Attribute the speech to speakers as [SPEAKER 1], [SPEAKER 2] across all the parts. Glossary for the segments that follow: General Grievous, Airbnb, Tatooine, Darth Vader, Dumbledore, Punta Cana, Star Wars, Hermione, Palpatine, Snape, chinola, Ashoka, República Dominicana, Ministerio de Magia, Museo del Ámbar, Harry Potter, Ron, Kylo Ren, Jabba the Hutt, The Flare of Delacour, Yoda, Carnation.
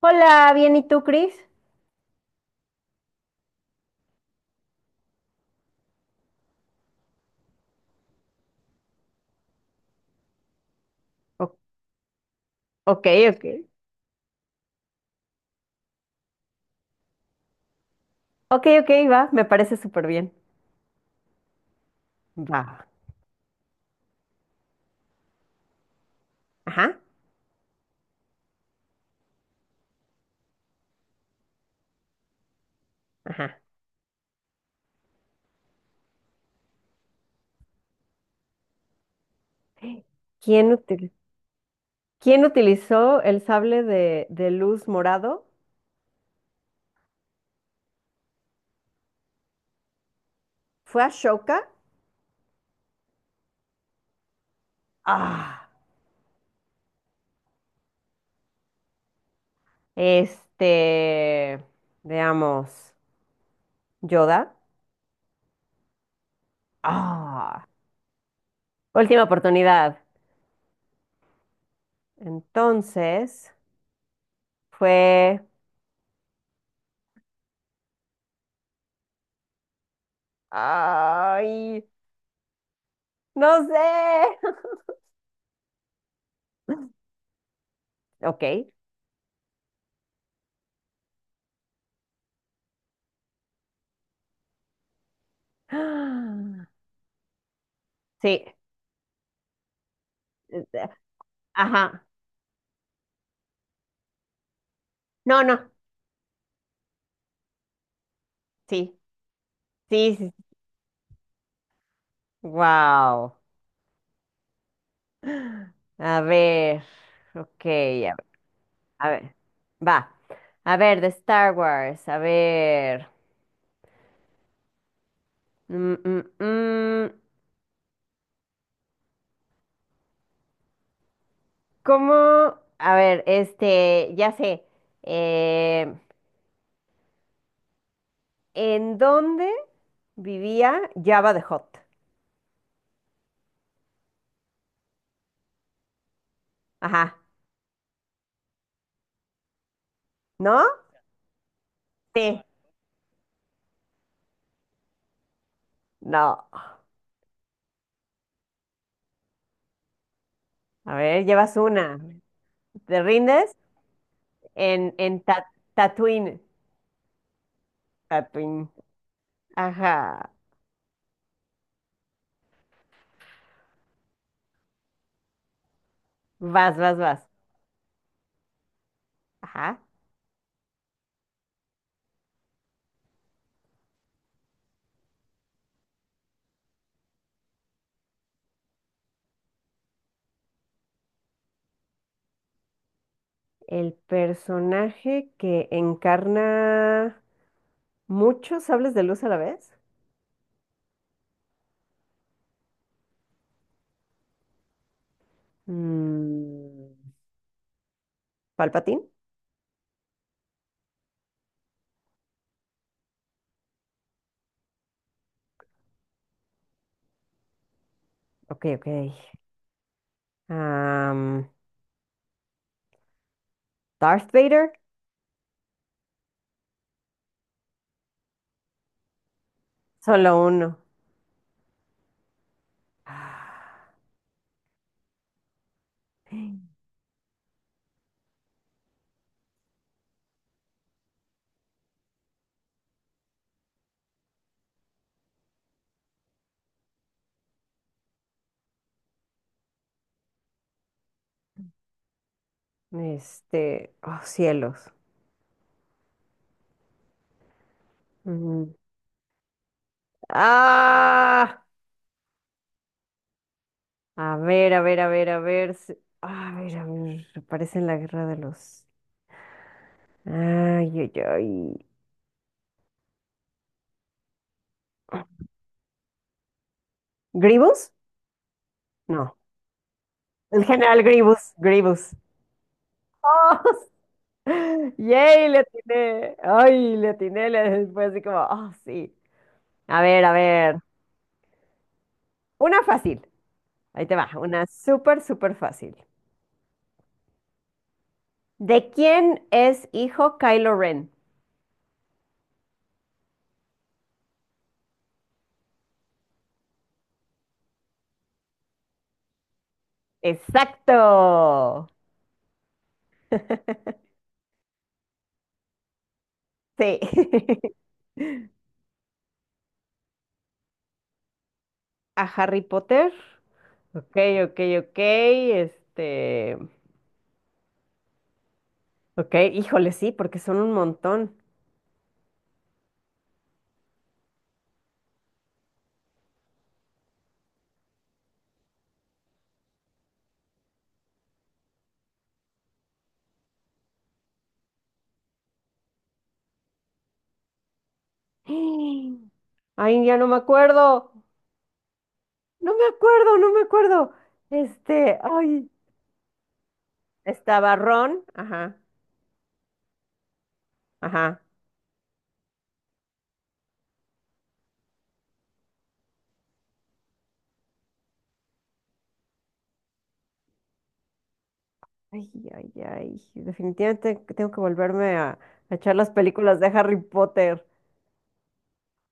[SPEAKER 1] Hola, bien, ¿y tú, Cris? O- ok, ok. Ok, ok, va, me parece súper bien. Va. Ajá, ajá. ¿Quién util- quién utilizó el sable de luz morado? ¿Fue Ashoka? Ah, este, veamos, Yoda. Ah, última oportunidad. Entonces, fue... Ay, no sé. Ok. Ah, sí. eh, eh, Ajá. No, no. Sí. Sí, sí. Wow. A ver. Ok, a ver. A ver. Va. A ver, de Star Wars. A ver. Mm, mm, mm. ¿Cómo? A ver, este, ya sé. Eh, ¿En dónde vivía Jabba the Hutt? Ajá. ¿No? Sí. No. A ver, llevas una. ¿Te rindes? En, en Ta- Tatooine. Tatooine. Ajá, vas, vas, vas. Ajá. El personaje que encarna muchos sables de luz a la vez. Mm, Palpatine. Ok, ok. Am, Darth Vader. Solo uno. Ah, este, oh cielos. Mm, Ah, a ver, a ver, a ver, a ver. A ver, a ver. Aparece en la guerra de los. Ay, ay, ay. ¿Grievous? No. El general Grievous, Grievous. ¡Oh! ¡Yay! Le atiné. ¡Ay! Le atiné. Le... Fue así como, ¡oh, sí! A ver, a ver. Una fácil. Ahí te va. Una súper, súper fácil. ¿De quién es hijo Kylo Ren? ¡Exacto! Sí. A Harry Potter. Ok, ok, ok. Este. Ok, híjole, sí, porque son un montón. Ay, ya no me acuerdo. No me acuerdo, no me acuerdo. Este, ay, estaba Ron, ajá, ajá. Ay, ay, ay. Definitivamente que tengo que volverme a echar las películas de Harry Potter.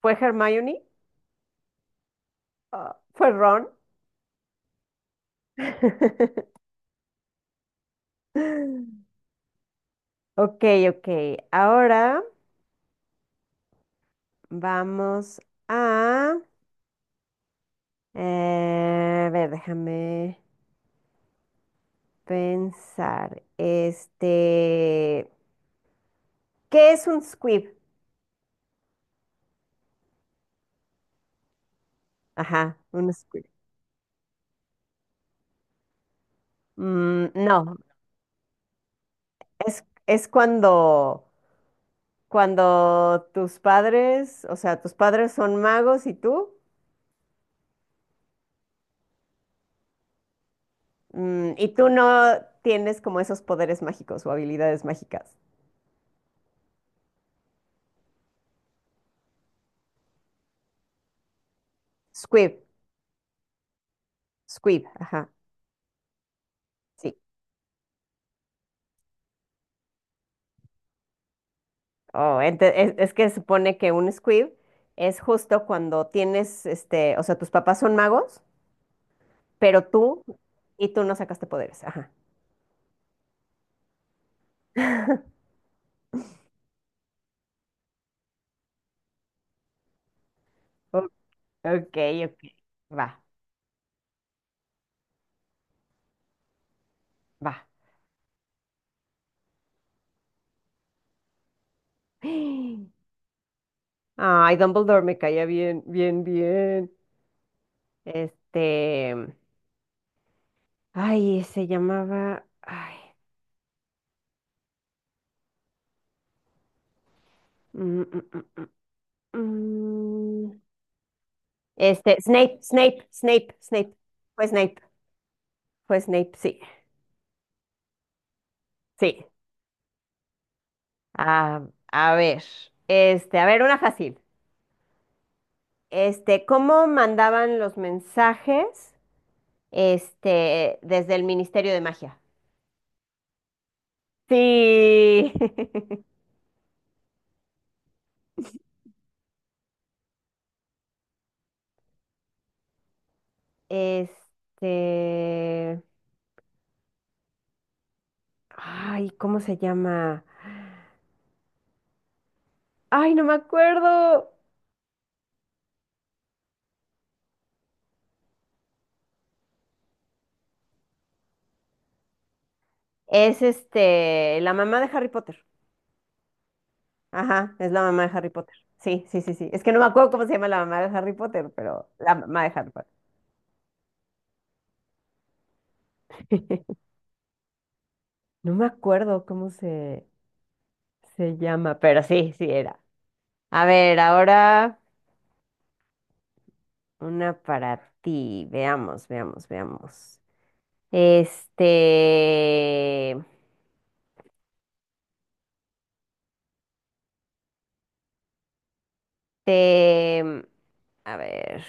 [SPEAKER 1] ¿Fue Hermione? Ah, ¿fue Ron? Ok, ok. Ahora vamos a... a ver, déjame pensar. Este, ¿qué es un squib? Ajá, un squib. Mm, no, es cuando tus padres, o sea, tus padres son magos y tú no tienes como esos poderes mágicos o habilidades mágicas. Squib, squib, ajá, sí. Oh, es que supone que un squib es justo cuando tienes, este, o sea, tus papás son magos, pero tú, y tú no sacaste poderes, ajá. O- Ok, ok, va, va. Ay, Dumbledore me caía bien, bien, bien. Este, ay, se llamaba, ay, mm, mm, mm, mm, mm. Este, Snape, Snape, Snape, Snape. Fue Snape, fue Snape, sí, sí. Ah, a ver, este, a ver, una fácil. Este, ¿cómo mandaban los mensajes, este, desde el Ministerio de Magia? Sí. Este, ay, ¿cómo se llama? Ay, no me acuerdo. Es este, la mamá de Harry Potter. Ajá, es la mamá de Harry Potter. Sí, sí, sí, sí. Es que no me acuerdo cómo se llama la mamá de Harry Potter, pero la mamá de Harry Potter. No me acuerdo cómo se llama, pero sí, sí era. A ver, ahora una para ti. Veamos, veamos, veamos. Este, te, a ver.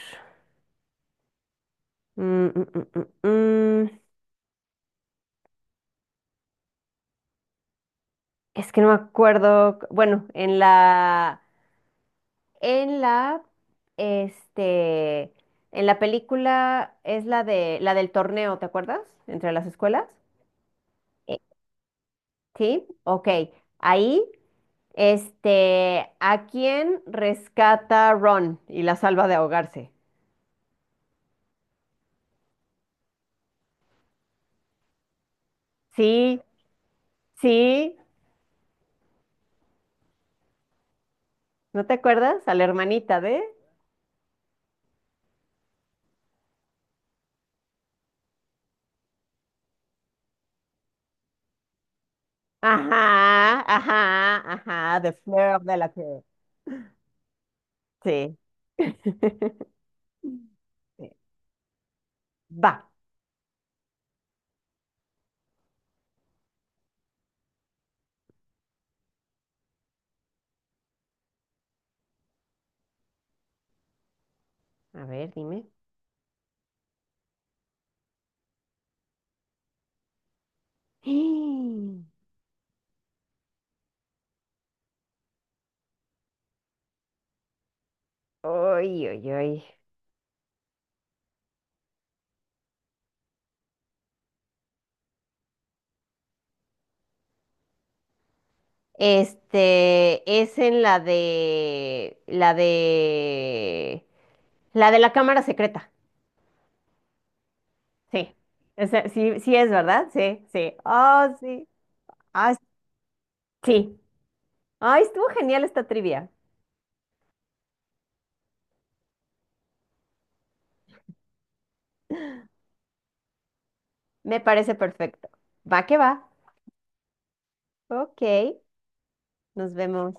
[SPEAKER 1] Mm, mm, mm, mm, mm. Es que no me acuerdo. Bueno, en la, este, en la película es la de, la del torneo, ¿te acuerdas? Entre las escuelas. Eh, Sí, ok. Ahí, este, ¿a quién rescata Ron y la salva de ahogarse? Sí, sí, ¿no te acuerdas? A la hermanita de. Ajá, ajá, ajá, The Flare of Delacour. Sí. Sí. Va. A ver, dime. ¡Ay, ay, ay! Este es en la de la cámara secreta. Sí. Sí, sí es, ¿verdad? Sí, sí. Oh, sí. Ah, sí. Ay, estuvo genial esta trivia. Me parece perfecto. Va que va. Ok, nos vemos.